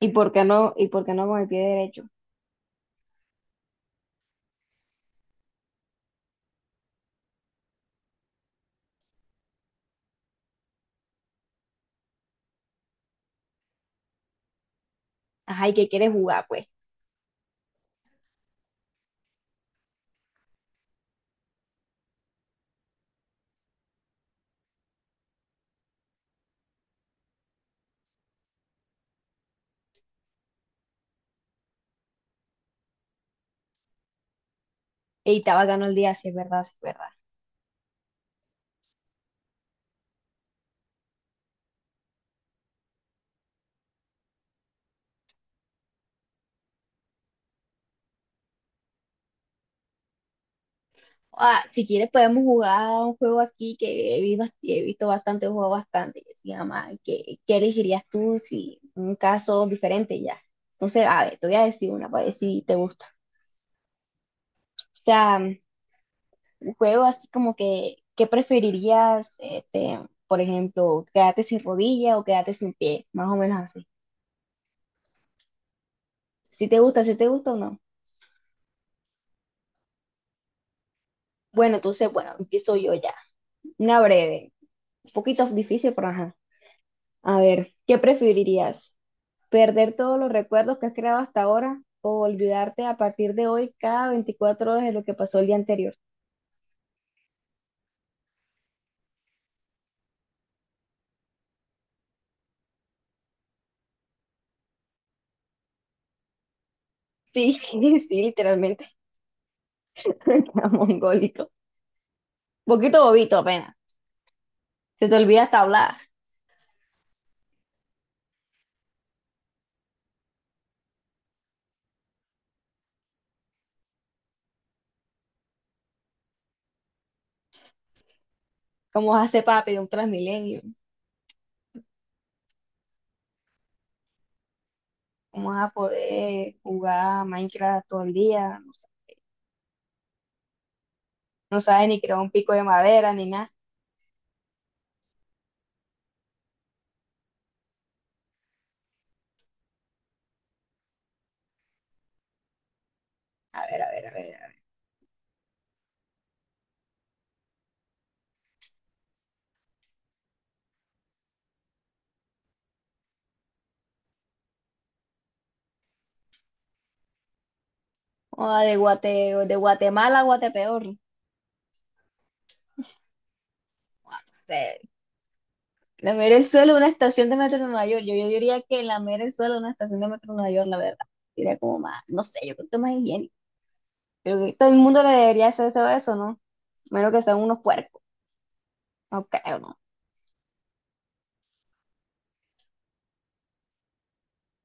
¿Y por qué no con el pie derecho? Ajá, ¿y qué quieres jugar, pues? Ey, está bacano el día, si es verdad, si es verdad. Ah, si quieres podemos jugar un juego aquí que he visto bastante, juego bastante, que se llama ¿Qué elegirías tú si un caso diferente ya? Entonces, a ver, te voy a decir una para ver si te gusta. O sea, un juego así como que, ¿qué preferirías, este, por ejemplo, quedarte sin rodilla o quedarte sin pie? Más o menos así. Si te gusta o no. Bueno, entonces, bueno, empiezo yo ya. Una breve, un poquito difícil, pero ajá. A ver, ¿qué preferirías? ¿Perder todos los recuerdos que has creado hasta ahora o olvidarte a partir de hoy cada 24 horas de lo que pasó el día anterior? Sí, sí, literalmente. Está mongólico. Poquito bobito apenas. Se te olvida hasta hablar. ¿Cómo vas a hacer para pedir un Transmilenio? ¿Cómo vas a poder jugar Minecraft todo el día? No, no sabes ni crear un pico de madera ni nada. A ver, a ver, a ver. A ver. Oh, de Guatemala a Guatepeor. No sé. Lamer el suelo de una estación de metro en Nueva York. Yo diría que lamer el suelo de una estación de metro en Nueva York, la verdad. Sería como más, no sé, yo creo que más higiénico. Pero que todo el mundo le debería hacer eso, eso, ¿no? Menos que sean unos puercos. No, ¿no?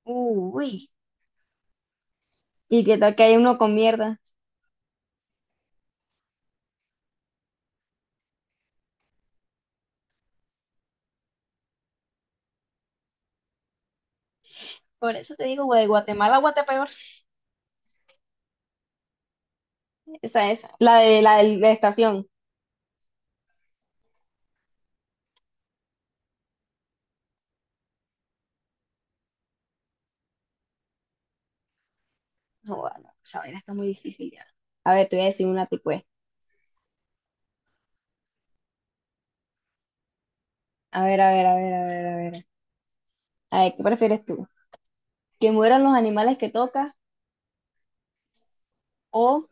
Uy. ¿Y qué tal que hay uno con mierda? Por eso te digo, güey, Guatemala, Guatepeor. Esa, esa. La de la estación. No, bueno, esa vaina está muy difícil ya. A ver, te voy a decir una tipo. A ver, a ver, a ver, a ver, a ver. A ver, ¿qué prefieres tú? ¿Que mueran los animales que tocas o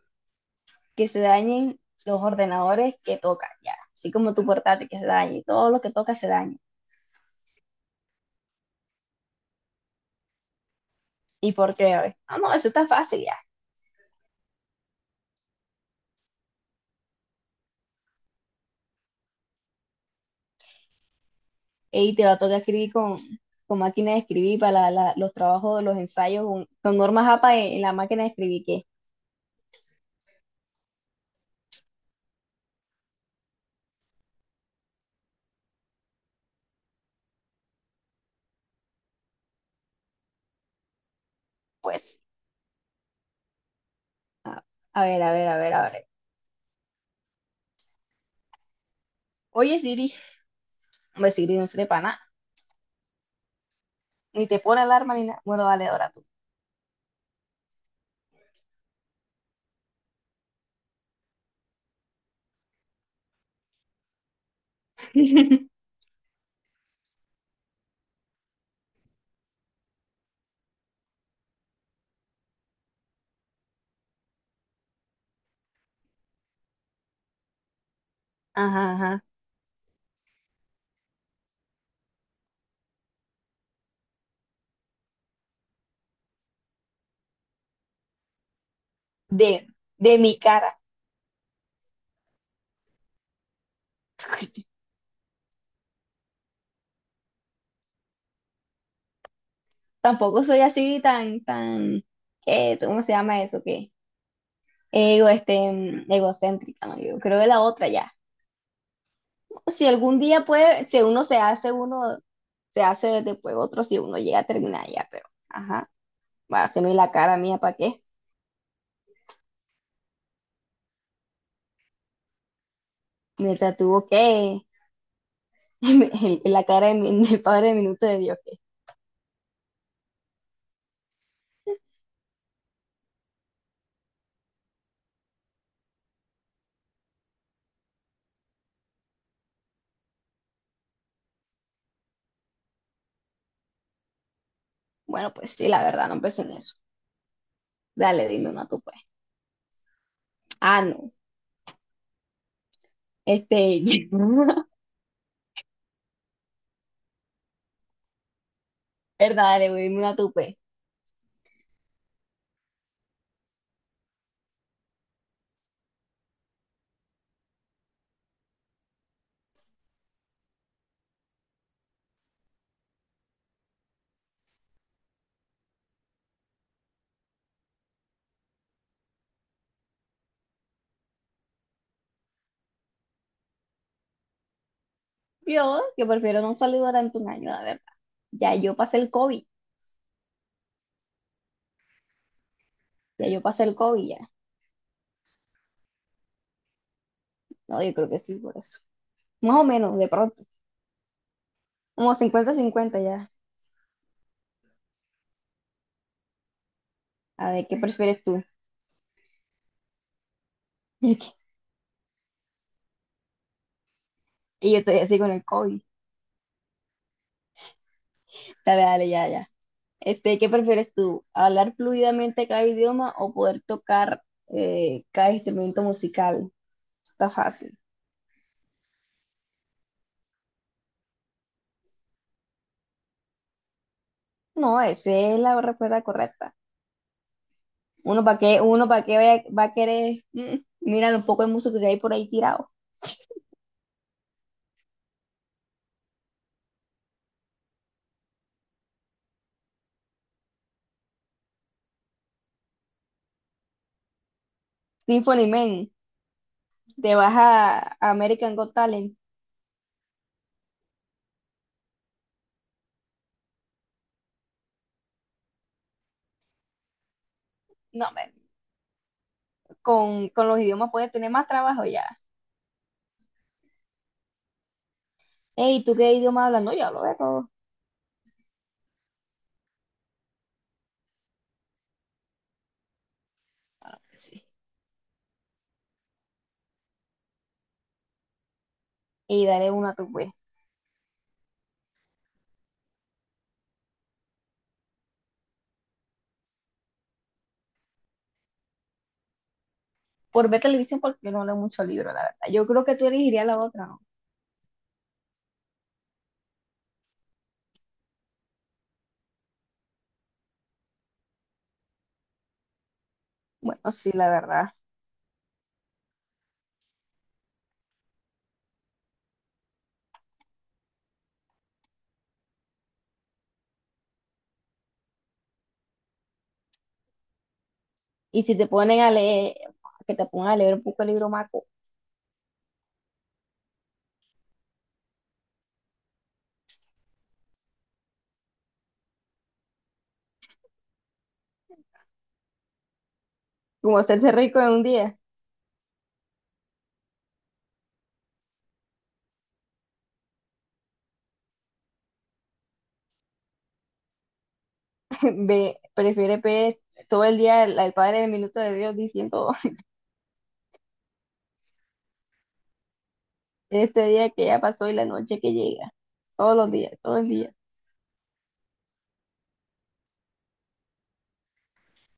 que se dañen los ordenadores que tocan, ya? Así como tu portátil que se dañe, y todo lo que toca se daña. ¿Y por qué? A ver. No, no, eso está fácil ya. Y te va a tocar escribir con máquina de escribir para los trabajos, los ensayos, con normas APA en la máquina de escribir, que pues, a, a ver, a ver, a ver, a ver. Oye, Siri, hombre, Siri no sirve para nada, ni te pone alarma ni nada. Bueno, dale, ahora tú. Ajá, ajá. De, de mi cara. Tampoco soy así tan, ¿qué? ¿Cómo se llama eso? ¿Qué? Este, egocéntrica, ¿no? Yo creo que la otra ya. Si algún día puede, si uno se hace uno, se hace después otro, si uno llega a terminar ya, pero, ajá, va a hacerme la cara mía, ¿para qué? Me tatuó que la cara del Padre Minuto de Dios, que, bueno, pues sí, la verdad, no pensé en eso. Dale, dime una tú, pues. Ah, no, este, verdad, dale, güey, dime una tú, pues. Yo, que prefiero no salir durante un año, la verdad. Ya yo pasé el COVID, ya yo pasé el COVID, ya. No, yo creo que sí, por eso. Más o menos, de pronto, como 50-50 ya, a ver, ¿qué prefieres tú? Y yo estoy así con el COVID, dale, dale, ya, ya. Este, ¿qué prefieres tú? ¿Hablar fluidamente cada idioma o poder tocar cada instrumento musical? Está fácil. No, esa es la respuesta correcta. Uno para qué va a querer, mira un poco de música que hay por ahí tirado. Symphony Man, te vas a American Got Talent. No, hombre, con los idiomas puedes tener más trabajo ya. Ey, ¿tú qué idioma hablas? No, yo hablo de todo. Ah, sí. Y daré una tú, pues. Por ver televisión, porque no leo mucho libro, la verdad. Yo creo que tú elegirías la otra, ¿no? Bueno, sí, la verdad. Y si te ponen a leer, que te pongan a leer un poco el libro maco, como hacerse rico en un día, ve, prefiere ver todo el día el Padre del Minuto de Dios diciendo este día que ya pasó y la noche que llega. Todos los días, todo el día.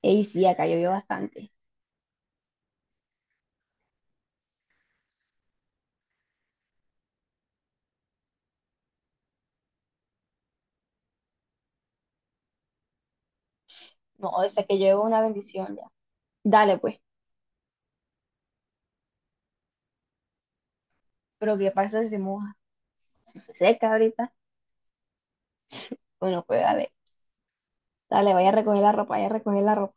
Ey, sí, acá llovió bastante. No, o sea que llegó una bendición ya. Dale, pues. Pero ¿qué pasa si se moja? Si se seca ahorita, bueno, pues dale, dale, vaya a recoger la ropa, vaya a recoger la ropa.